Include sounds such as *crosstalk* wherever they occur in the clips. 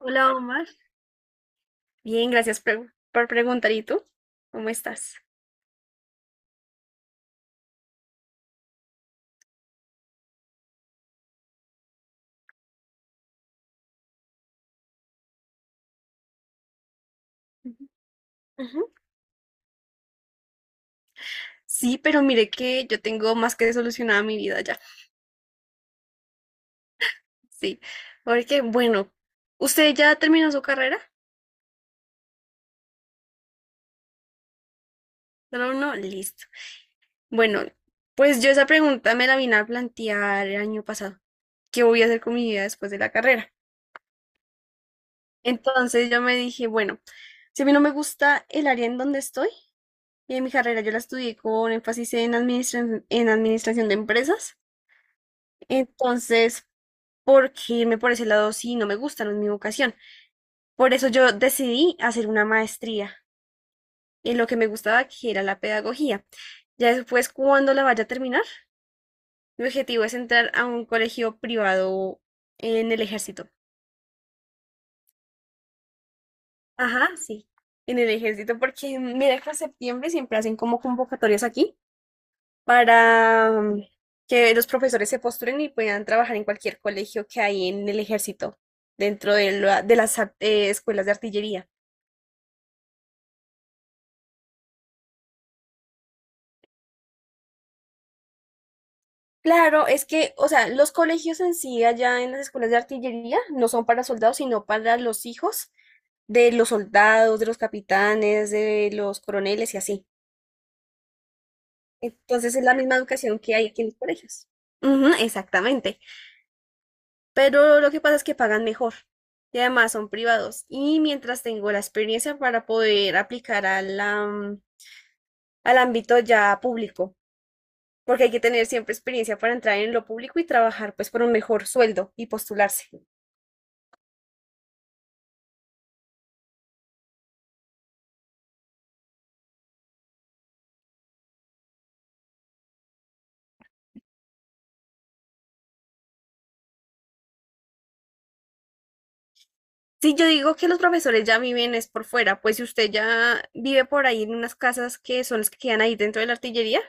Hola Omar, bien, gracias por preguntar. ¿Y tú? ¿Cómo estás? Ujú. Ujú. Sí, pero mire que yo tengo más que solucionada mi vida ya. Sí, porque bueno, ¿usted ya terminó su carrera? Solo uno, listo. Bueno, pues yo esa pregunta me la vine a plantear el año pasado. ¿Qué voy a hacer con mi vida después de la carrera? Entonces yo me dije, bueno, si a mí no me gusta el área en donde estoy, y en mi carrera yo la estudié con énfasis en en administración de empresas. Entonces, porque irme por ese lado sí no me gusta, no es mi vocación. Por eso yo decidí hacer una maestría en lo que me gustaba, que era la pedagogía. Ya después, cuando la vaya a terminar, mi objetivo es entrar a un colegio privado en el ejército. Ajá, sí, en el ejército, porque mira que en septiembre siempre hacen como convocatorias aquí para que los profesores se postulen y puedan trabajar en cualquier colegio que hay en el ejército, dentro de, de las escuelas de artillería. Claro, es que, o sea, los colegios en sí, allá en las escuelas de artillería, no son para soldados, sino para los hijos de los soldados, de los capitanes, de los coroneles y así. Entonces es la misma educación que hay aquí en los colegios. Ujú, exactamente. Pero lo que pasa es que pagan mejor y además son privados. Y mientras tengo la experiencia para poder aplicar al ámbito ya público, porque hay que tener siempre experiencia para entrar en lo público y trabajar pues por un mejor sueldo y postularse. Sí, yo digo que los profesores ya viven es por fuera, pues si usted ya vive por ahí en unas casas que son las que quedan ahí dentro de la artillería,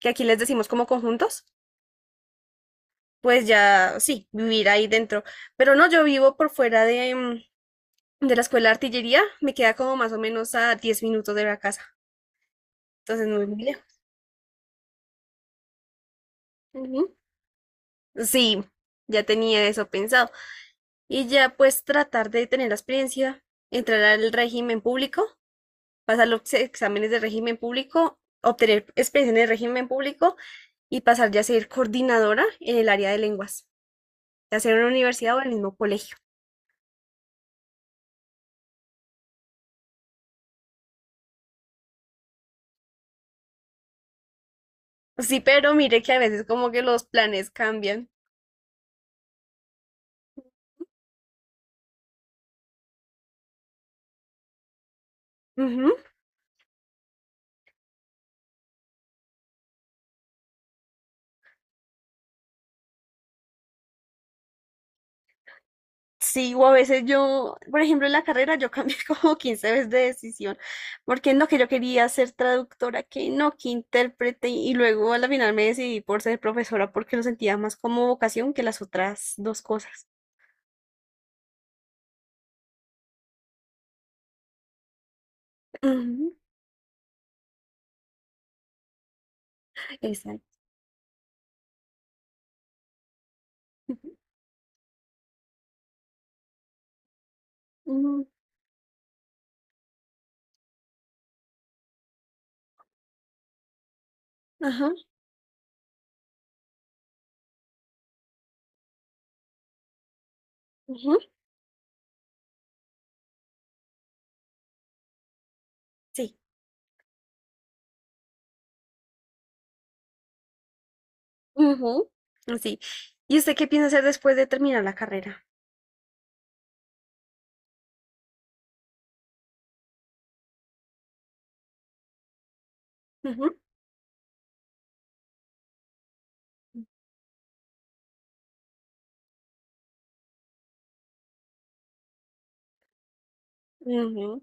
que aquí les decimos como conjuntos, pues ya sí, vivir ahí dentro. Pero no, yo vivo por fuera de la escuela de artillería, me queda como más o menos a 10 minutos de la casa, entonces no es muy lejos. Ujú. Sí, ya tenía eso pensado. Y ya pues tratar de tener la experiencia, entrar al régimen público, pasar los exámenes de régimen público, obtener experiencia en el régimen público y pasar ya a ser coordinadora en el área de lenguas, ya sea en una universidad o en el mismo colegio. Sí, pero mire que a veces como que los planes cambian. Ujú. Sí, o a veces yo, por ejemplo, en la carrera yo cambié *laughs* como 15 veces de decisión, porque no, que yo quería ser traductora, que no, que intérprete, y luego a la final me decidí por ser profesora porque lo sentía más como vocación que las otras dos cosas. Ujú. Exacto. Ujú. Ajá, ujú. Sí. Ujú, sí. ¿Y usted qué piensa hacer después de terminar la carrera? Ujú, ujú,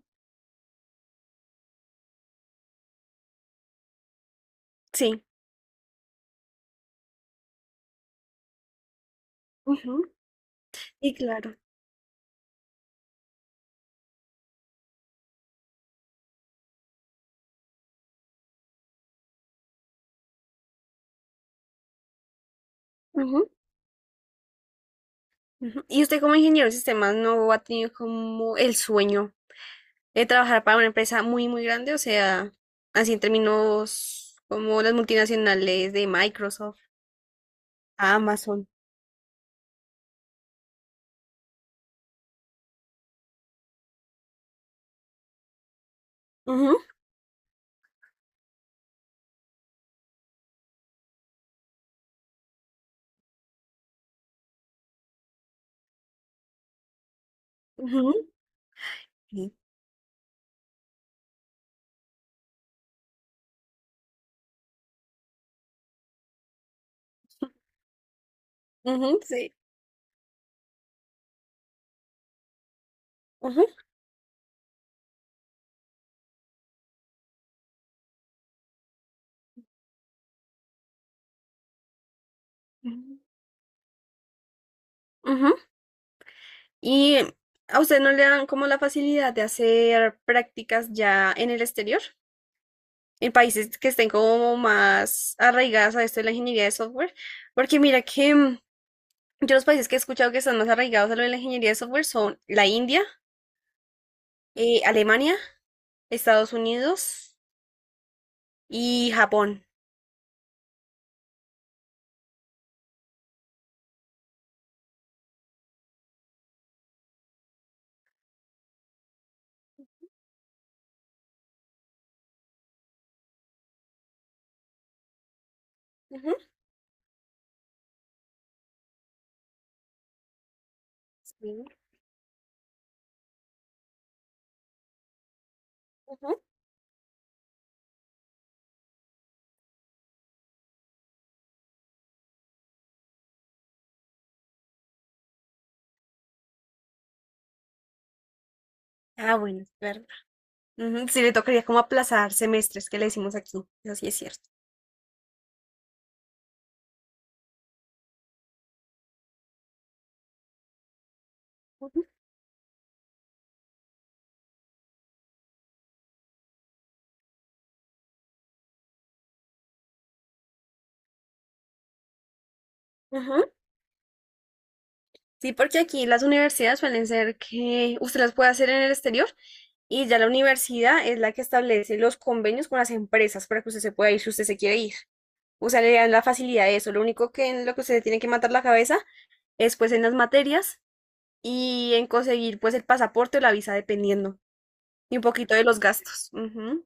sí, ujú, y claro. Ujú, ujú. ¿Y usted como ingeniero de sistemas no ha tenido como el sueño de trabajar para una empresa muy, muy grande? O sea, así en términos como las multinacionales de Microsoft, Amazon. Ujú, ujú, sí. Ujú, sí. Ujú, ujú, ujú. ¿Y a usted no le dan como la facilidad de hacer prácticas ya en el exterior? En países que estén como más arraigadas a esto de la ingeniería de software. Porque mira que yo los países que he escuchado que están más arraigados a lo de la ingeniería de software son la India, Alemania, Estados Unidos y Japón. Ujú. Sí, ujú. Ah, bueno, es verdad. Ujú. Sí, le tocaría como aplazar semestres, que le decimos aquí. Eso sí es cierto. Ujú. Ujú. Sí, porque aquí las universidades suelen ser que usted las puede hacer en el exterior y ya la universidad es la que establece los convenios con las empresas para que usted se pueda ir si usted se quiere ir. O sea, le dan la facilidad de eso. Lo único que en lo que usted tiene que matar la cabeza es pues en las materias y en conseguir pues el pasaporte o la visa, dependiendo. Y un poquito de los gastos. Ujú,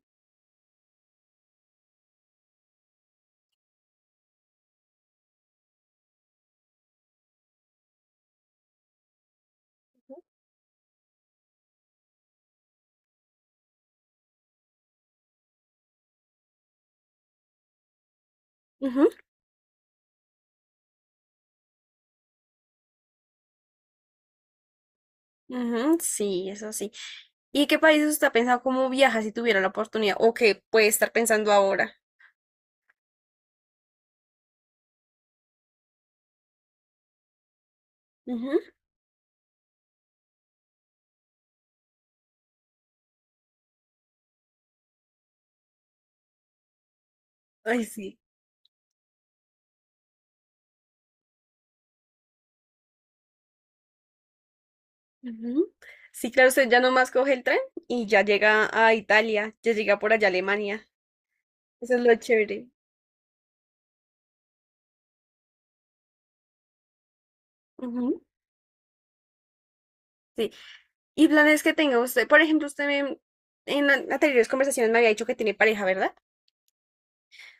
ujú, ujú, sí, eso sí. ¿Y qué países usted ha pensado cómo viaja si tuviera la oportunidad? ¿O qué puede estar pensando ahora? Ujú. Ay, sí. Ujú. Sí, claro, usted ya nomás coge el tren y ya llega a Italia, ya llega por allá a Alemania. Eso es lo chévere. Ujú. Sí. ¿Y planes que tenga usted? Por ejemplo, usted me- en an- anteriores conversaciones me había dicho que tiene pareja, ¿verdad?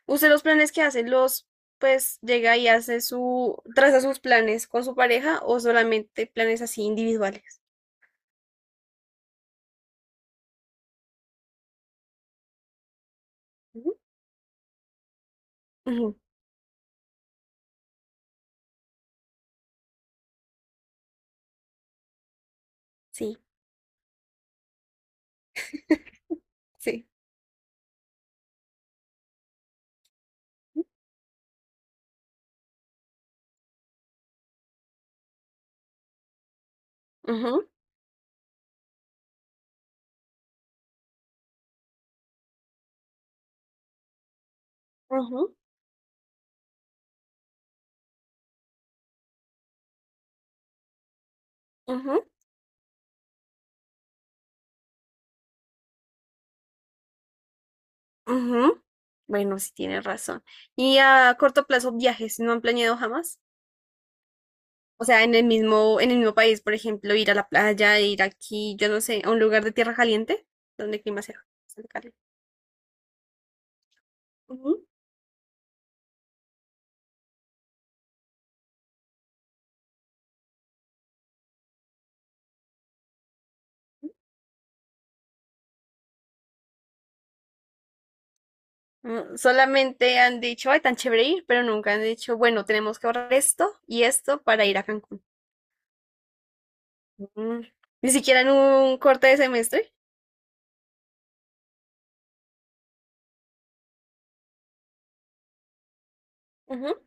¿Usted los planes que hace los, pues llega y hace su, traza sus planes con su pareja, o solamente planes así individuales? Ujú, ujú, sí, sí. Ujú, ujú, ujú. Ujú. Bueno, sí tienes razón. Y a corto plazo, viajes, ¿no han planeado jamás? O sea, en el mismo país, por ejemplo, ir a la playa, ir aquí, yo no sé, a un lugar de tierra caliente, donde el clima sea bastante caliente. Ujú. Mm, solamente han dicho, ay, tan chévere ir, pero nunca han dicho, bueno, tenemos que ahorrar esto y esto para ir a Cancún. Mm, ni siquiera en un corte de semestre. Ujú.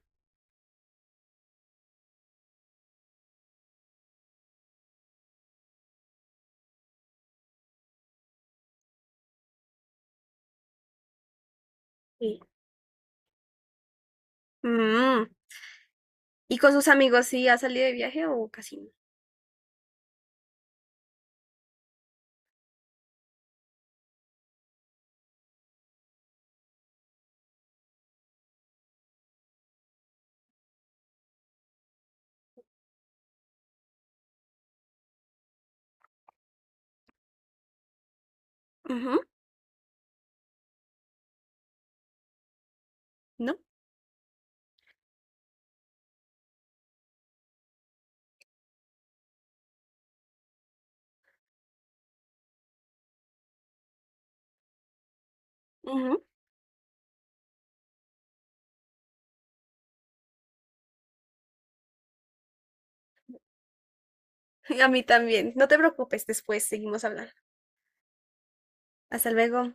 Sí. Mm, ¿y con sus amigos sí ha salido de viaje o casi no? Ujú. ¿No? *laughs* A mí también. No te preocupes, después seguimos hablando. Hasta luego.